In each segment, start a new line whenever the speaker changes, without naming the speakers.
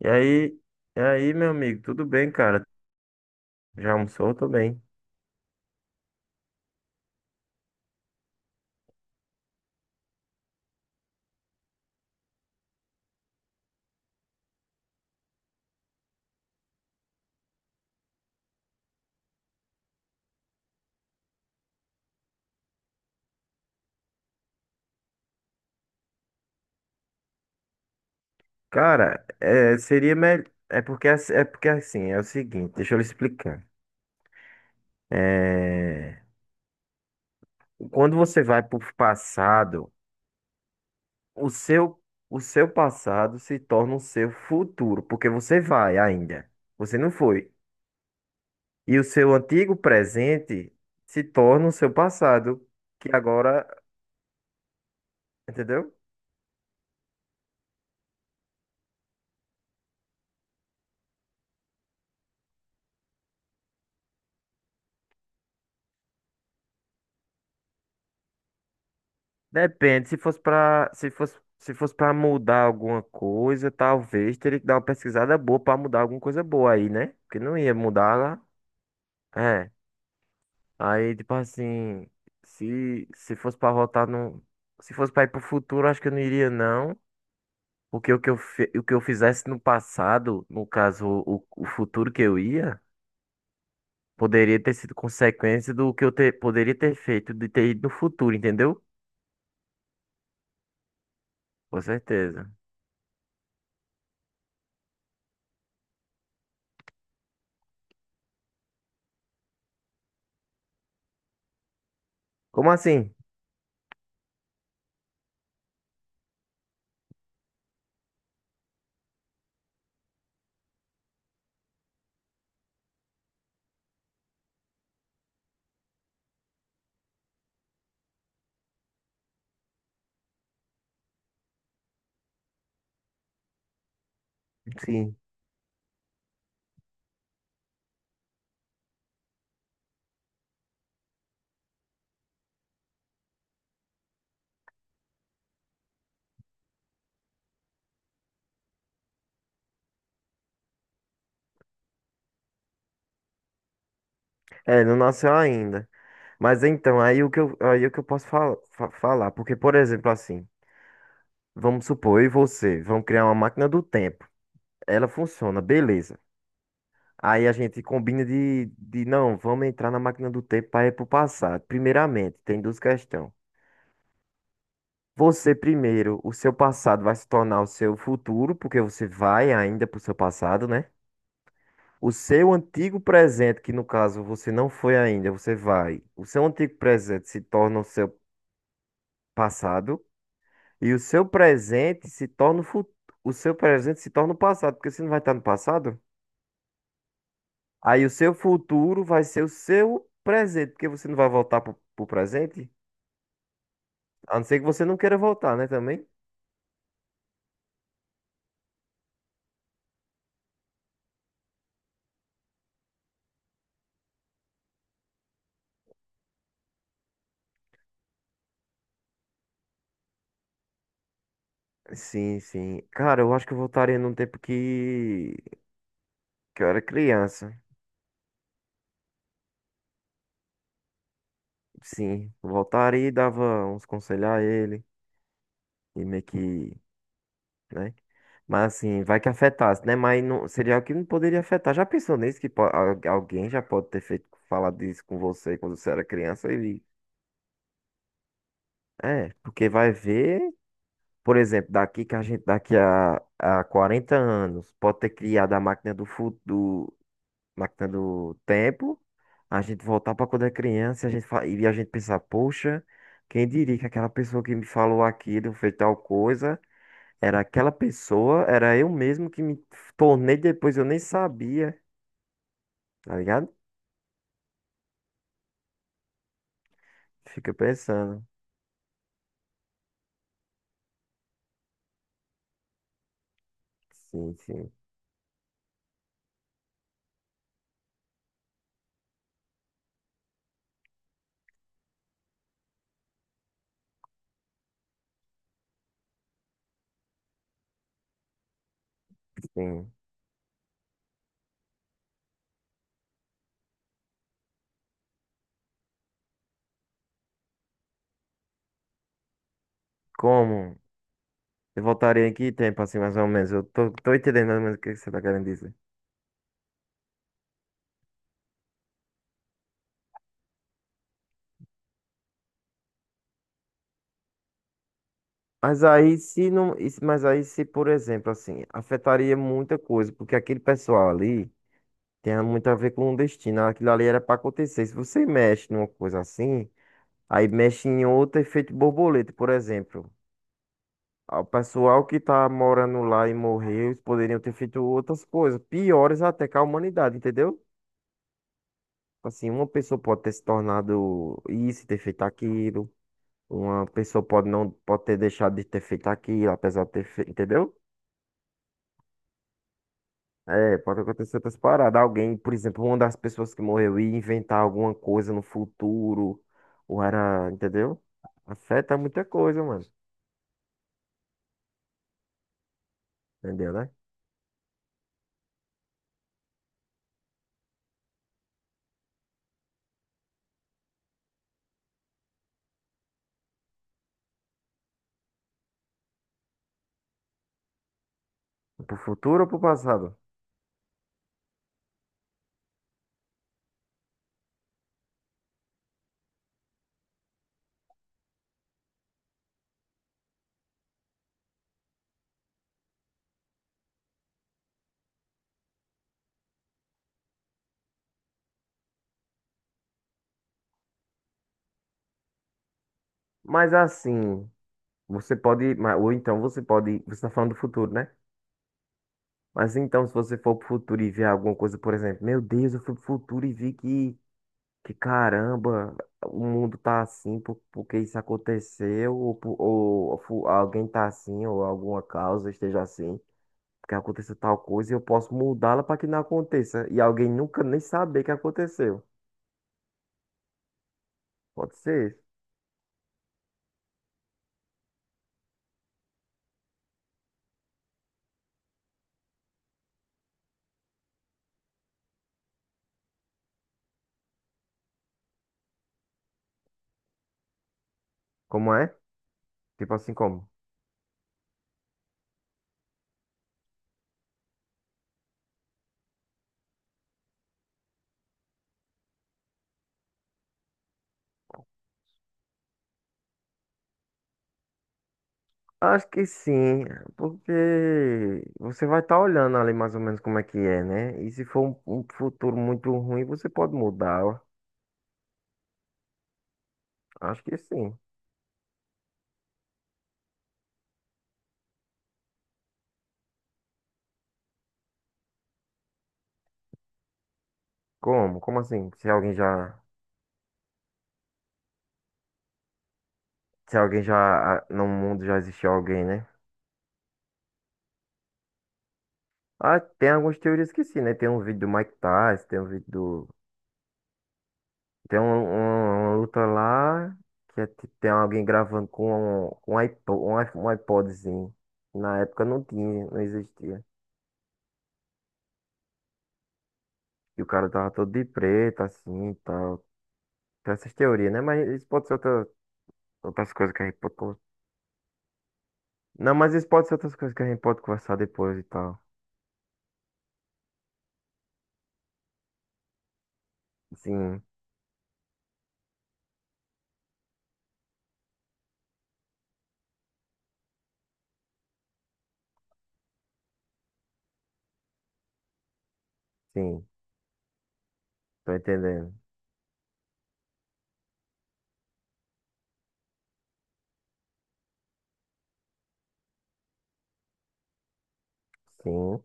E aí, e aí, meu amigo, tudo bem, cara? Já almoçou? Tô bem. Cara, seria melhor. É porque, é porque assim, é o seguinte, deixa eu lhe explicar. É, Quando você vai pro passado, o seu, o seu passado se torna o seu futuro, porque você vai ainda. Você não foi. E o seu antigo presente se torna o seu passado, que agora, entendeu? Depende, se fosse pra, se fosse, se fosse para mudar alguma coisa, talvez teria que dar uma pesquisada boa pra mudar alguma coisa boa aí, né? Porque não ia mudar lá. É. Aí, tipo assim, se fosse pra voltar no, se fosse pra ir pro futuro, acho que eu não iria não, porque o que eu fizesse no passado, no caso, o futuro que eu ia, poderia ter sido consequência do que eu ter, poderia ter feito de ter ido no futuro, entendeu? Com certeza. Como assim? Sim. É, não nasceu ainda. Mas então, aí o que eu posso falar? Porque, por exemplo, assim, vamos supor, eu e você, vamos criar uma máquina do tempo. Ela funciona, beleza. Aí a gente combina de não, vamos entrar na máquina do tempo para ir pro passado. Primeiramente, tem duas questões. Você primeiro, o seu passado vai se tornar o seu futuro, porque você vai ainda pro seu passado, né? O seu antigo presente, que no caso você não foi ainda, você vai. O seu antigo presente se torna o seu passado. E o seu presente se torna o futuro. O seu presente se torna o passado, porque você não vai estar no passado. Aí o seu futuro vai ser o seu presente, porque você não vai voltar pro presente. A não ser que você não queira voltar, né, também? Sim, sim. Cara, eu acho que eu voltaria num que eu era criança. Sim, voltaria e dava uns conselhos a ele. E meio que né? Mas assim, vai que afetasse, né? Mas não, seria algo que não poderia afetar. Já pensou nisso que alguém já pode ter feito falado isso com você quando você era criança? Ele é, porque vai ver, por exemplo, daqui a 40 anos pode ter criado a máquina do futuro, máquina do tempo, a gente voltar para quando é criança, e a gente pensar, poxa, quem diria que aquela pessoa que me falou aquilo fez tal coisa? Era aquela pessoa, era eu mesmo que me tornei depois, eu nem sabia, tá ligado? Fica pensando. Sim, sim, sim. Como? Eu voltaria em que tempo, assim, mais ou menos? Eu tô entendendo mais ou menos o que você tá querendo dizer. Mas aí se não, mas aí se, por exemplo, assim, afetaria muita coisa, porque aquele pessoal ali tem muito a ver com o destino, aquilo ali era pra acontecer. Se você mexe numa coisa assim, aí mexe em outro efeito borboleta, por exemplo. O pessoal que tá morando lá e morreu, eles poderiam ter feito outras coisas, piores até que a humanidade, entendeu? Assim, uma pessoa pode ter se tornado isso, e ter feito aquilo, uma pessoa pode não pode ter deixado de ter feito aquilo, apesar de ter feito, entendeu? É, pode acontecer outras paradas. Alguém, por exemplo, uma das pessoas que morreu ia inventar alguma coisa no futuro, ou era, entendeu? Afeta muita coisa, mano. Entendeu, né? Pro futuro ou pro passado? Mas assim. Você ou então você pode, você está falando do futuro, né? Mas então, se você for pro futuro e ver alguma coisa, por exemplo, meu Deus, eu fui pro futuro e que caramba, o mundo tá assim porque isso aconteceu, ou, por- ou, fu- alguém tá assim, ou alguma causa esteja assim, porque aconteceu tal coisa e eu posso mudá-la para que não aconteça, e alguém nunca nem saber que aconteceu. Pode ser. Como é? Tipo assim, como? Acho que sim, porque você vai estar olhando ali mais ou menos como é que é, né? E se for um futuro muito ruim, você pode mudar. Acho que sim. Como? Como assim? Se alguém já ah, no mundo já existiu alguém, né? Ah, tem algumas teorias que sim, né? Tem um vídeo do Mike Tyson, tem um vídeo do, tem uma luta lá que é tem alguém gravando com um iPod, um iPodzinho. Na época não tinha, não existia. E o cara tava todo de preto, assim, e tal. Tem essas teorias, né? Mas isso pode ser outras coisas que a gente pode conversar. Não, mas isso pode ser outras coisas que a gente pode conversar depois e tal. Sim, sim, tô entendendo. Sim,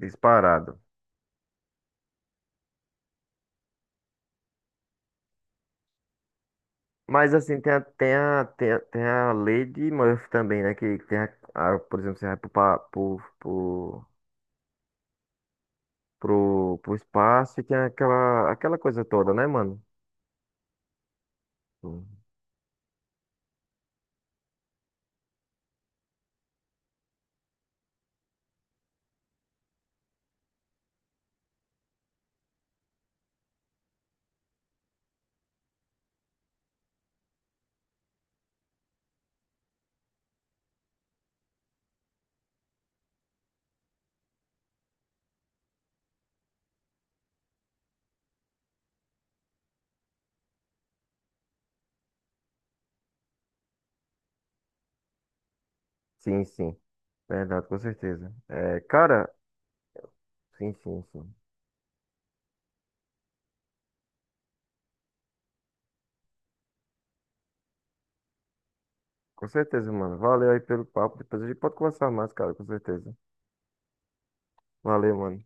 disparado. Mas assim, tem a lei de Murphy também, né? Que tem a- Por exemplo, você vai pro, pa- pro, pro, pro, pro espaço e tem aquela coisa toda, né, mano? Sim, sim. Sim. Verdade, com certeza. É, cara, sim, sim, sim. Com certeza, mano. Valeu aí pelo papo. Depois a gente pode conversar mais, cara, com certeza. Valeu, mano.